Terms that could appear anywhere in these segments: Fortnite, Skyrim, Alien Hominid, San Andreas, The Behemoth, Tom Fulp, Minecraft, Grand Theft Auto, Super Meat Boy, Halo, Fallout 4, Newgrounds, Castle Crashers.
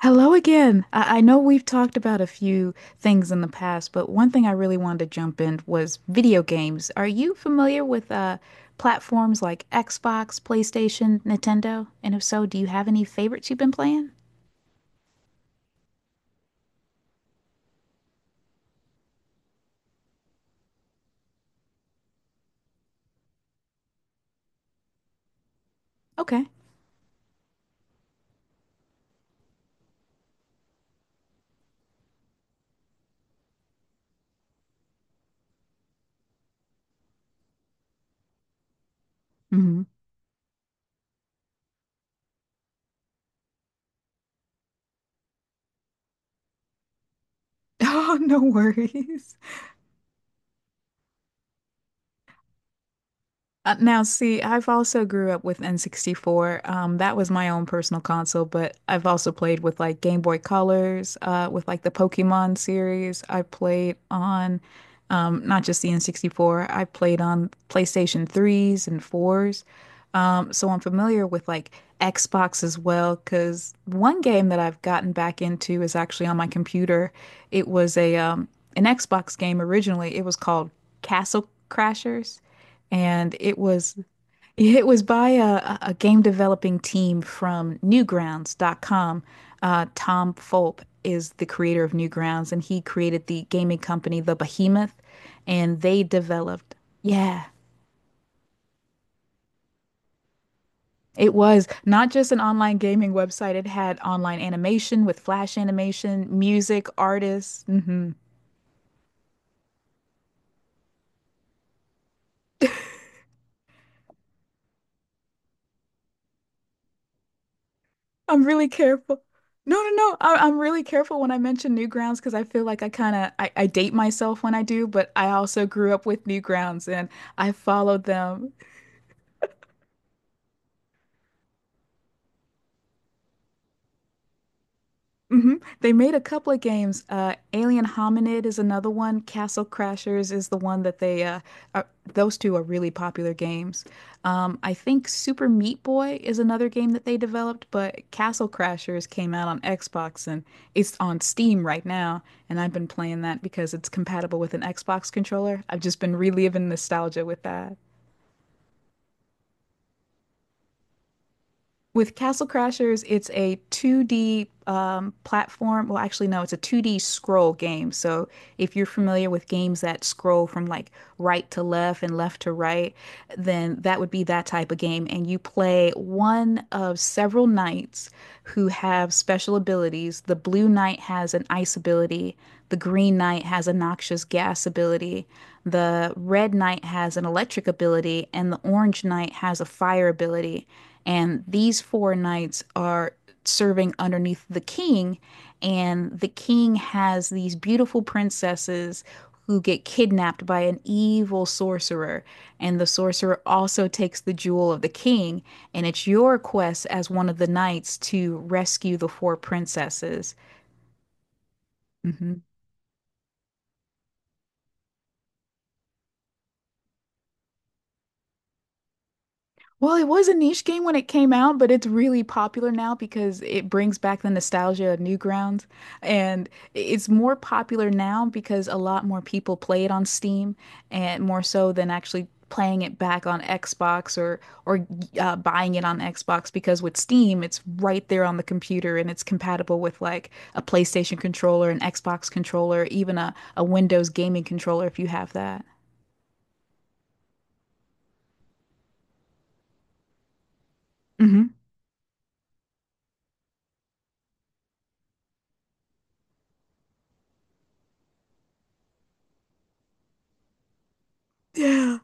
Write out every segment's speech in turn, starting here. Hello again. I know we've talked about a few things in the past, but one thing I really wanted to jump in was video games. Are you familiar with platforms like Xbox, PlayStation, Nintendo? And if so, do you have any favorites you've been playing? Okay. hmm Oh, no worries. Now, see, I've also grew up with N64. That was my own personal console, but I've also played with like Game Boy Colors, with like the Pokemon series. I played on not just the N64, I played on PlayStation 3s and 4s. So I'm familiar with like Xbox as well, because one game that I've gotten back into is actually on my computer. It was a an Xbox game originally. It was called Castle Crashers and it was by a game developing team from Newgrounds.com. Tom Fulp is the creator of Newgrounds, and he created the gaming company The Behemoth, and they developed. Yeah. It was not just an online gaming website. It had online animation with flash animation, music, artists. I'm really careful. No, no, no. I'm really careful when I mention Newgrounds because I feel like I date myself when I do, but I also grew up with Newgrounds and I followed them. hmm They made a couple of games. Alien Hominid is another one. Castle Crashers is the one that are, those two are really popular games. I think Super Meat Boy is another game that they developed, but Castle Crashers came out on Xbox and it's on Steam right now. And I've been playing that because it's compatible with an Xbox controller. I've just been reliving nostalgia with that. With Castle Crashers, it's a 2D platform. Well, actually, no, it's a 2D scroll game. So, if you're familiar with games that scroll from like right to left and left to right, then that would be that type of game. And you play one of several knights who have special abilities. The blue knight has an ice ability, the green knight has a noxious gas ability, the red knight has an electric ability, and the orange knight has a fire ability, and these four knights are serving underneath the king. And the king has these beautiful princesses who get kidnapped by an evil sorcerer. And the sorcerer also takes the jewel of the king. And it's your quest as one of the knights to rescue the four princesses. Mm-hmm. Well, it was a niche game when it came out, but it's really popular now because it brings back the nostalgia of Newgrounds. And it's more popular now because a lot more people play it on Steam and more so than actually playing it back on Xbox or buying it on Xbox because with Steam, it's right there on the computer and it's compatible with like a PlayStation controller, an Xbox controller, even a Windows gaming controller if you have that. hmm Yeah.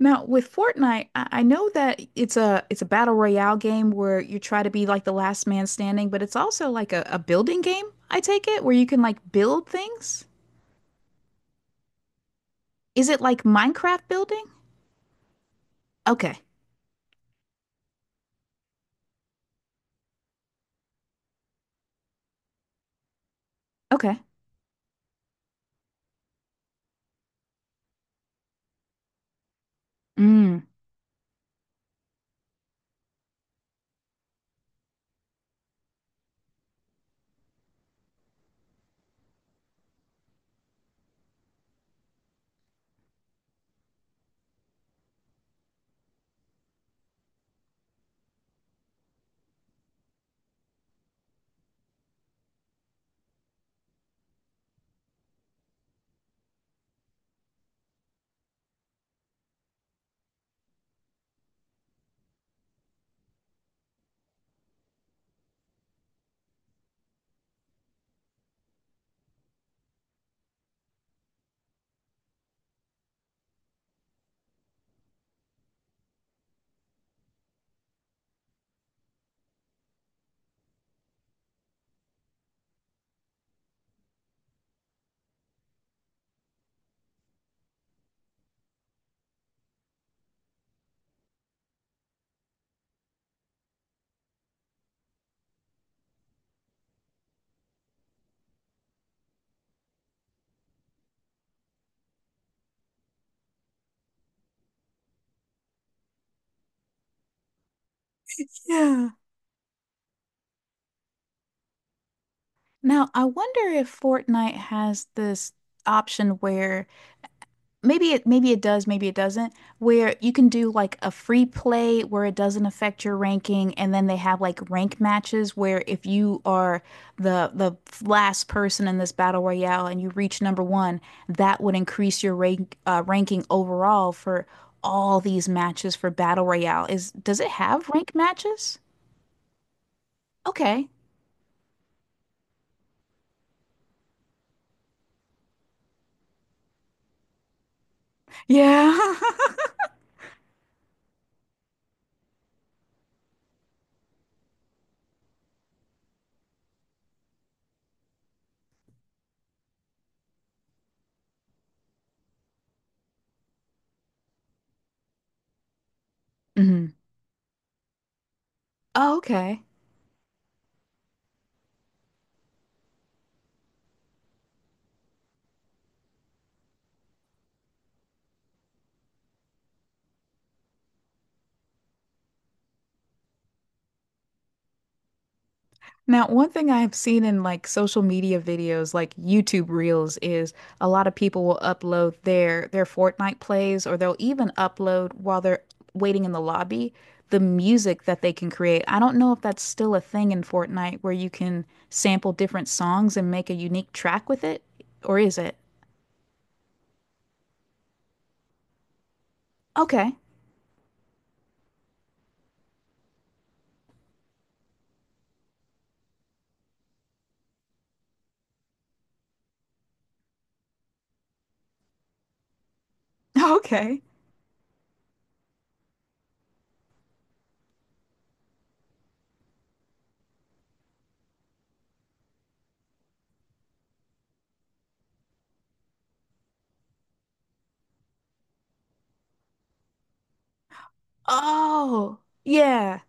Now, with Fortnite, I know that it's a battle royale game where you try to be like the last man standing, but it's also like a building game, I take it, where you can like build things. Is it like Minecraft building? Okay. Okay. Mm. Yeah. Now, I wonder if Fortnite has this option where maybe it does, maybe it doesn't, where you can do like a free play where it doesn't affect your ranking, and then they have like rank matches where if you are the last person in this battle royale and you reach number one, that would increase your ranking overall for all these matches for battle royale. Is does it have rank matches? Okay. Yeah. hmm Oh, okay. Now, one thing I've seen in like social media videos, like YouTube Reels, is a lot of people will upload their Fortnite plays, or they'll even upload while they're waiting in the lobby the music that they can create. I don't know if that's still a thing in Fortnite where you can sample different songs and make a unique track with it, or is it? Okay. Okay. Oh, yeah.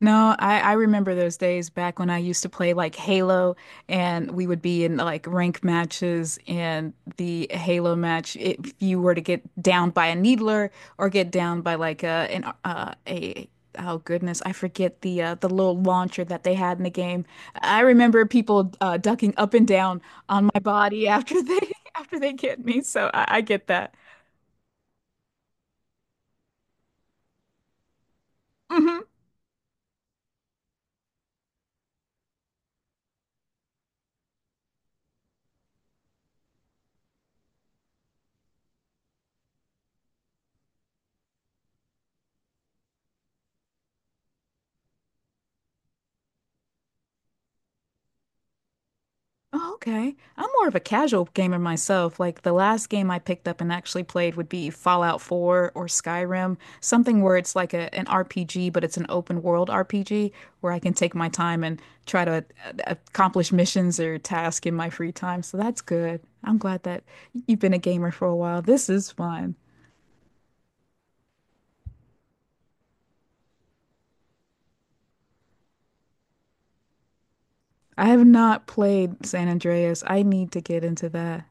No, I remember those days back when I used to play like Halo and we would be in like rank matches and the Halo match, if you were to get down by a needler or get down by like a an a oh goodness, I forget the little launcher that they had in the game. I remember people ducking up and down on my body after they after they get me, so I get that. Mhm. Oh, okay. I'm more of a casual gamer myself. Like the last game I picked up and actually played would be Fallout 4 or Skyrim, something where it's like an RPG, but it's an open world RPG where I can take my time and try to accomplish missions or tasks in my free time. So that's good. I'm glad that you've been a gamer for a while. This is fun. I have not played San Andreas. I need to get into that.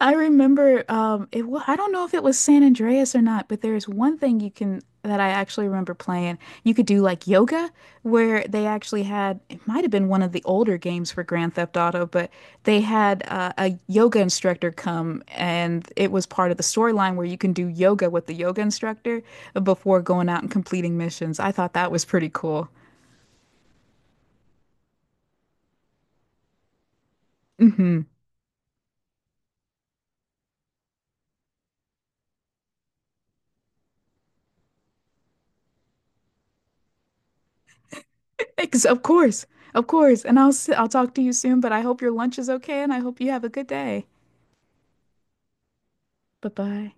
I remember I don't know if it was San Andreas or not, but there's one thing you can that I actually remember playing. You could do like yoga where they actually had it might have been one of the older games for Grand Theft Auto, but they had a yoga instructor come and it was part of the storyline where you can do yoga with the yoga instructor before going out and completing missions. I thought that was pretty cool. hmm Ex of course. Of course. And I'll I'll talk to you soon, but I hope your lunch is okay and I hope you have a good day. Bye bye.